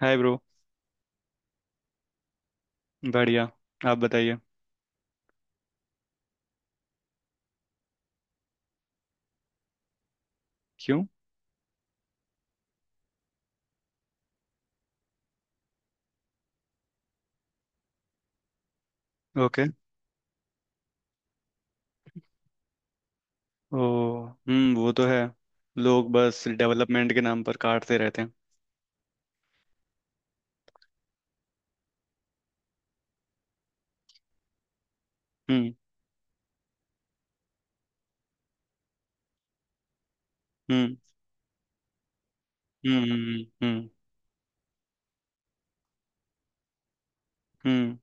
हाय bro. बढ़िया। आप बताइए। क्यों। ओके। ओ। हम्म, वो तो है। लोग बस डेवलपमेंट के नाम पर काटते रहते हैं। हम्म। हम्म। हम्म। हम्म। हम्म। हम्म।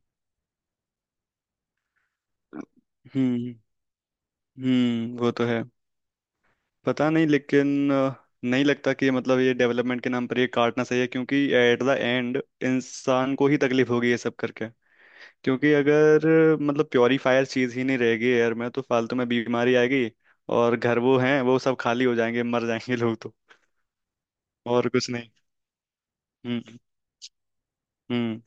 हम्म। वो तो है। पता नहीं लेकिन नहीं लगता कि मतलब ये डेवलपमेंट के नाम पर ये काटना सही है, क्योंकि एट द एंड इंसान को ही तकलीफ होगी ये सब करके। क्योंकि अगर मतलब प्योरीफायर चीज ही नहीं रहेगी एयर में तो फालतू में बीमारी आएगी। और घर वो हैं वो सब खाली हो जाएंगे, मर जाएंगे लोग तो। और कुछ नहीं। हम्म। हम्म।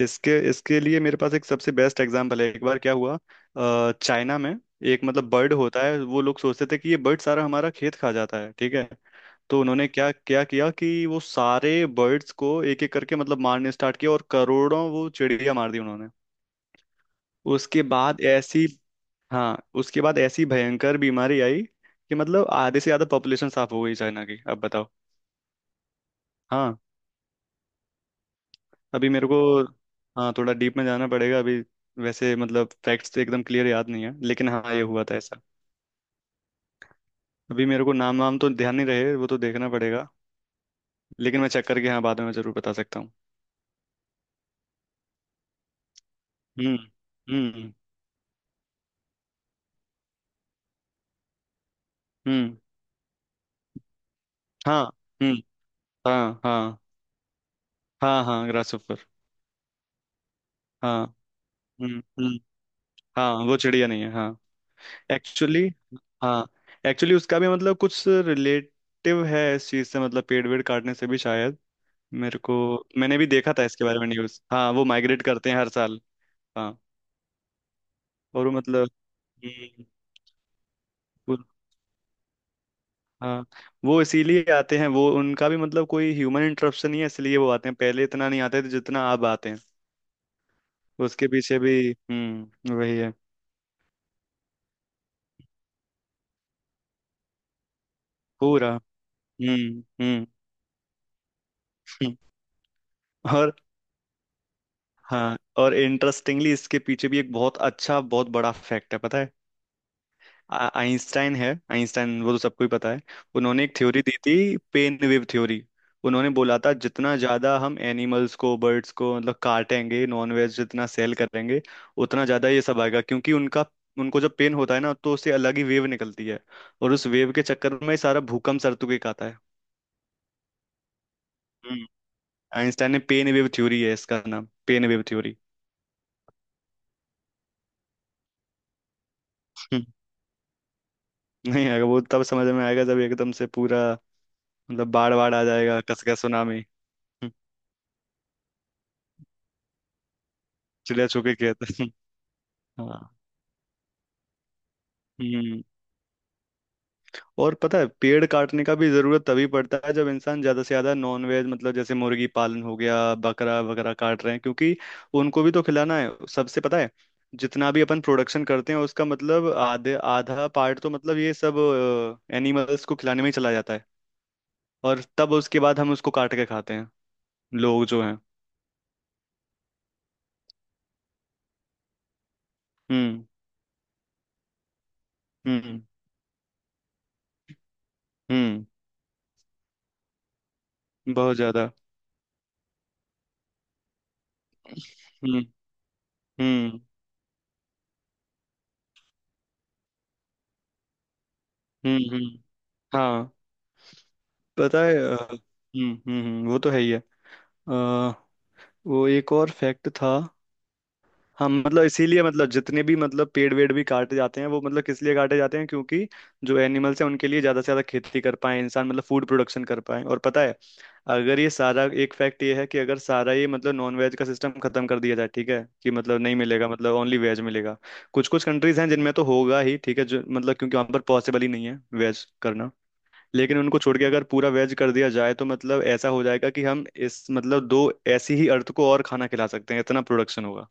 इसके इसके लिए मेरे पास एक सबसे बेस्ट एग्जांपल है, एक बार क्या हुआ। चाइना में एक मतलब बर्ड होता है, वो लोग सोचते थे कि ये बर्ड सारा हमारा खेत खा जाता है, ठीक है। तो उन्होंने क्या क्या किया कि वो सारे बर्ड्स को एक एक करके मतलब मारने स्टार्ट किया, और करोड़ों वो चिड़िया मार दी उन्होंने। उसके बाद ऐसी हाँ, उसके बाद ऐसी भयंकर बीमारी आई कि मतलब आधे से ज्यादा पॉपुलेशन साफ हो गई चाइना की, अब बताओ। हाँ। अभी मेरे को हाँ, थोड़ा डीप में जाना पड़ेगा अभी। वैसे मतलब फैक्ट्स तो एकदम क्लियर याद नहीं है, लेकिन हाँ ये हाँ हुआ था ऐसा। अभी मेरे को नाम वाम तो ध्यान नहीं रहे, वो तो देखना पड़ेगा। लेकिन मैं चेक करके हाँ बाद में जरूर बता सकता हूँ। हम्म। हम्म। हम्म। हाँ। हम्म। हाँ। हाँ। हाँ। हाँ, ग्रासहोफर। हाँ। हम्म। हम्म। हाँ, वो चिड़िया नहीं है हाँ। एक्चुअली हाँ, एक्चुअली उसका भी मतलब कुछ रिलेटिव है इस चीज से, मतलब पेड़ वेड़ काटने से भी शायद। मेरे को मैंने भी देखा था इसके बारे में न्यूज। हाँ, वो माइग्रेट करते हैं हर साल। हाँ। और हम्म, वो- हाँ, वो इसीलिए आते हैं, वो उनका भी मतलब कोई ह्यूमन इंटरप्शन नहीं है इसलिए वो आते हैं, पहले इतना नहीं आते थे जितना अब आते हैं। उसके पीछे भी वही है। पूरा। हम्म। हम्म। हम्म। और हाँ, और इंटरेस्टिंगली इसके पीछे भी एक बहुत अच्छा बहुत बड़ा फैक्ट है, पता है? आइंस्टाइन है, आइंस्टाइन वो तो सबको ही पता है। उन्होंने एक थ्योरी दी थी, पेन वेव थ्योरी। उन्होंने बोला था जितना ज्यादा हम एनिमल्स को बर्ड्स को मतलब काटेंगे, नॉन वेज जितना सेल करेंगे, उतना ज्यादा ये सब आएगा, क्योंकि उनका उनको जब पेन होता है ना तो उससे अलग ही वेव निकलती है, और उस वेव के चक्कर में ही सारा भूकंप सरतुके का आता है। हम्म, आइंस्टाइन ने पेन वेव थ्योरी, है इसका नाम पेन वेव थ्योरी। हम्म, नहीं आएगा, वो तब समझ में आएगा जब एकदम से पूरा मतलब बाढ़ बाढ़ आ जाएगा कसके सुनामी। हम्म, चिड़िया चुके खेत। हाँ। हम्म। और पता है पेड़ काटने का भी जरूरत तभी पड़ता है जब इंसान ज्यादा से ज्यादा नॉनवेज, मतलब जैसे मुर्गी पालन हो गया, बकरा वगैरह काट रहे हैं क्योंकि उनको भी तो खिलाना है। सबसे पता है, जितना भी अपन प्रोडक्शन करते हैं उसका मतलब आधे आधा पार्ट तो मतलब ये सब एनिमल्स को खिलाने में ही चला जाता है, और तब उसके बाद हम उसको काट के खाते हैं लोग जो हैं। हम्म। हम्म। हम्म। बहुत ज्यादा। हम्म। हम्म। हम्म। हम्म। हाँ। पता है वो तो है ही है। अ, वो एक और फैक्ट था। हम मतलब इसीलिए मतलब जितने भी मतलब पेड़ वेड़ भी काटे जाते हैं, वो मतलब किस लिए काटे जाते हैं? क्योंकि जो एनिमल्स हैं उनके लिए ज्यादा से ज्यादा खेती कर पाए इंसान, मतलब फूड प्रोडक्शन कर पाए। और पता है अगर ये सारा एक फैक्ट ये है कि अगर सारा ये मतलब नॉन वेज का सिस्टम खत्म कर दिया जाए, ठीक है कि मतलब नहीं मिलेगा, मतलब ओनली वेज मिलेगा। कुछ कुछ कंट्रीज हैं जिनमें तो होगा ही, ठीक है जो मतलब क्योंकि वहां पर पॉसिबल ही नहीं है वेज करना। लेकिन उनको छोड़ के अगर पूरा वेज कर दिया जाए तो मतलब ऐसा हो जाएगा कि हम इस मतलब दो ऐसी ही अर्थ को और खाना खिला सकते हैं, इतना प्रोडक्शन होगा।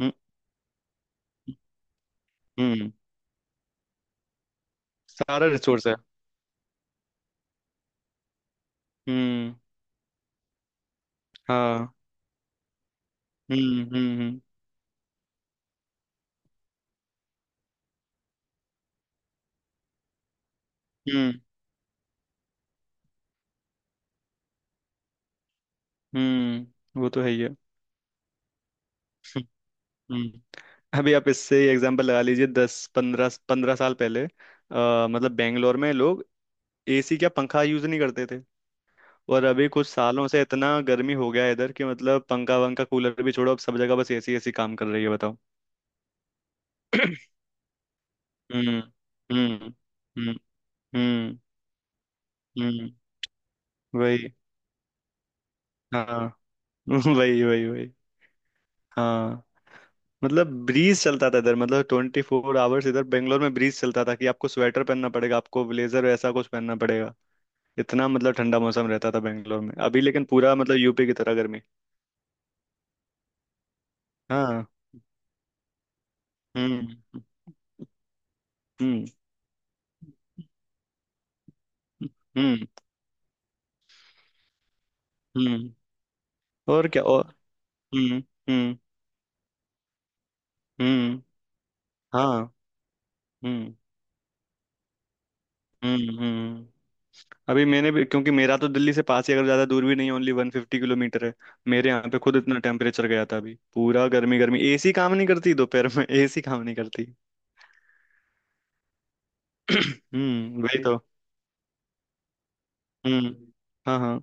हम्म। हम्म। सारा रिसोर्स है। हम्म। हाँ। हम्म। हम्म। हम्म। हम्म। वो तो है ही है। हम्म। अभी आप इससे एग्जांपल लगा लीजिए, दस पंद्रह पंद्रह साल पहले मतलब बेंगलोर में लोग एसी क्या पंखा यूज नहीं करते थे। और अभी कुछ सालों से इतना गर्मी हो गया है इधर कि मतलब पंखा वंखा कूलर भी छोड़ो, अब सब जगह बस एसी एसी काम कर रही है, बताओ। हम्म। हम्म। हम्म। हम्म। हम्म, वही। हाँ। वही वही वही। हाँ, मतलब ब्रीज चलता था इधर, मतलब ट्वेंटी फोर आवर्स इधर बेंगलोर में ब्रीज चलता था कि आपको स्वेटर पहनना पड़ेगा, आपको ब्लेजर ऐसा कुछ पहनना पड़ेगा। इतना मतलब ठंडा मौसम रहता था बेंगलोर में, अभी लेकिन पूरा मतलब यूपी की तरह गर्मी। हाँ। हम्म। हम्म। हम्म। हम्म। और क्या, और। हम्म। हम्म। हम्म। हाँ। हम्म। हम्म। हम्म। अभी मैंने भी, क्योंकि मेरा तो दिल्ली से पास ही अगर ज़्यादा दूर भी नहीं है, ओनली वन फिफ्टी किलोमीटर है। मेरे यहाँ पे खुद इतना टेम्परेचर गया था अभी, पूरा गर्मी गर्मी, एसी काम नहीं करती दोपहर में, एसी काम नहीं करती। हम्म, वही तो। हम्म। हाँ। हाँ।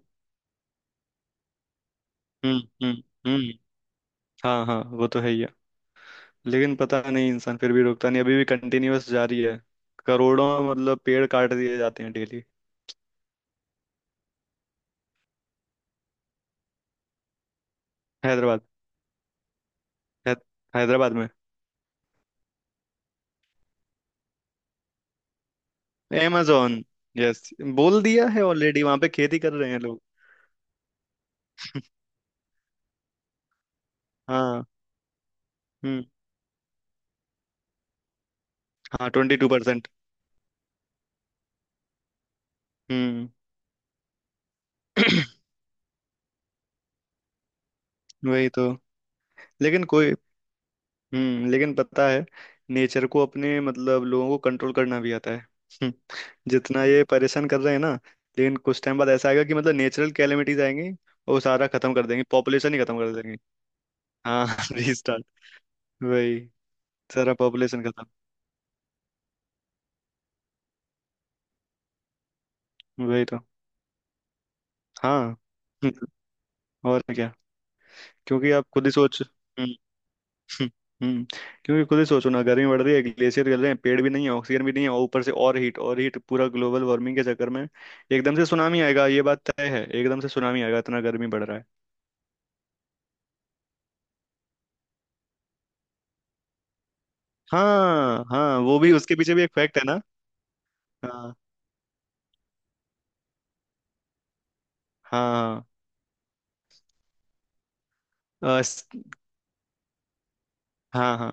हम्म। हम्म। हम्म। हाँ हाँ, वो तो है ही है। लेकिन पता नहीं इंसान फिर भी रुकता नहीं, अभी भी कंटिन्यूअस जारी है। करोड़ों मतलब पेड़ काट दिए जाते हैं डेली। हैदराबाद है, हैदराबाद में। amazon, yes. बोल दिया है ऑलरेडी, वहां पे खेती कर रहे हैं लोग। हाँ। हम्म। हाँ, ट्वेंटी टू। हम्म, वही तो। लेकिन कोई। हम्म, लेकिन पता है नेचर को अपने मतलब लोगों को कंट्रोल करना भी आता है। हम्म, जितना ये परेशान कर रहे हैं ना, लेकिन कुछ टाइम बाद ऐसा आएगा कि मतलब नेचुरल कैलेमिटीज आएंगी और वो सारा खत्म कर देंगे, पॉपुलेशन ही खत्म कर देंगे। हाँ। रीस्टार्ट। वही, सारा पॉपुलेशन खत्म। वही तो। हाँ। और क्या। क्योंकि आप खुद ही सोच। हम्म, हम्म, हम्म। क्योंकि खुद ही सोचो ना, गर्मी बढ़ रही है, ग्लेशियर गल रहे हैं, पेड़ भी नहीं है, ऑक्सीजन भी नहीं है, और ऊपर से और हीट और हीट, पूरा ग्लोबल वार्मिंग के चक्कर में एकदम से सुनामी आएगा, ये बात तय है। एकदम से सुनामी आएगा, इतना गर्मी बढ़ रहा है। हाँ हाँ, वो भी उसके पीछे भी एक फैक्ट है ना। हाँ। हाँ। हाँ, हाँ हाँ।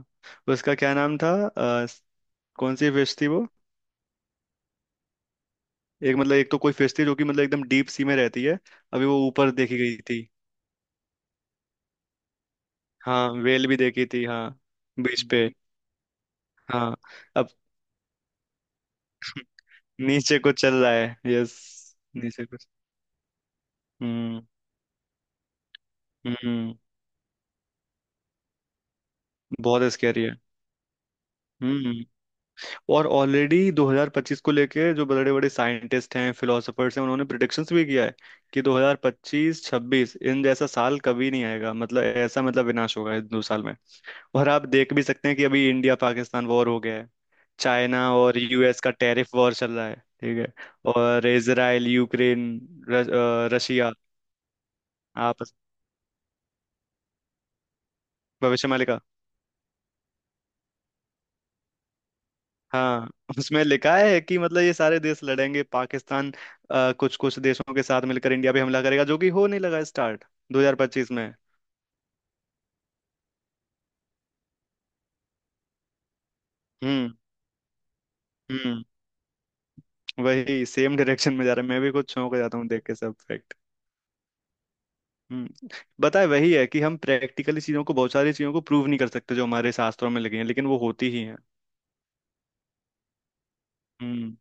उसका क्या नाम था? कौन सी फिश थी वो? एक मतलब एक तो कोई फिश थी जो कि मतलब एकदम डीप सी में रहती है, अभी वो ऊपर देखी गई थी। हाँ, वेल भी देखी थी हाँ। बीच पे। हाँ। नीचे कुछ चल रहा है, यस। नीचे कुछ। हम्म। हम्म। बहुत स्कैरी है। हम्म। और ऑलरेडी 2025 को लेके जो बड़े बड़े साइंटिस्ट हैं फिलोसफर्स हैं उन्होंने प्रिडिक्शंस भी किया है कि 2025 26 इन जैसा साल कभी नहीं आएगा, मतलब ऐसा मतलब विनाश होगा इन दो साल में। और आप देख भी सकते हैं कि अभी इंडिया पाकिस्तान वॉर हो गया है, चाइना और यूएस का टैरिफ वॉर चल रहा है, ठीक है, और इसराइल यूक्रेन रशिया आपस। भविष्य। हाँ, उसमें लिखा है कि मतलब ये सारे देश लड़ेंगे, पाकिस्तान कुछ कुछ देशों के साथ मिलकर इंडिया पे हमला करेगा, जो कि हो नहीं लगा स्टार्ट 2025 में। हम्म। हम्म। वही सेम डायरेक्शन में जा रहा है, मैं भी कुछ चौंक जाता हूँ देख के सब फैक्ट। हम्म, बताए वही है कि हम प्रैक्टिकली चीजों को, बहुत सारी चीजों को प्रूव नहीं कर सकते जो हमारे शास्त्रों में लिखी हैं, लेकिन वो होती ही हैं। हम्म।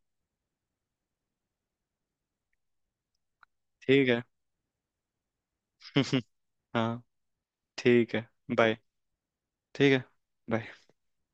ठीक है। हाँ। ठीक है। बाय। ठीक है। bye.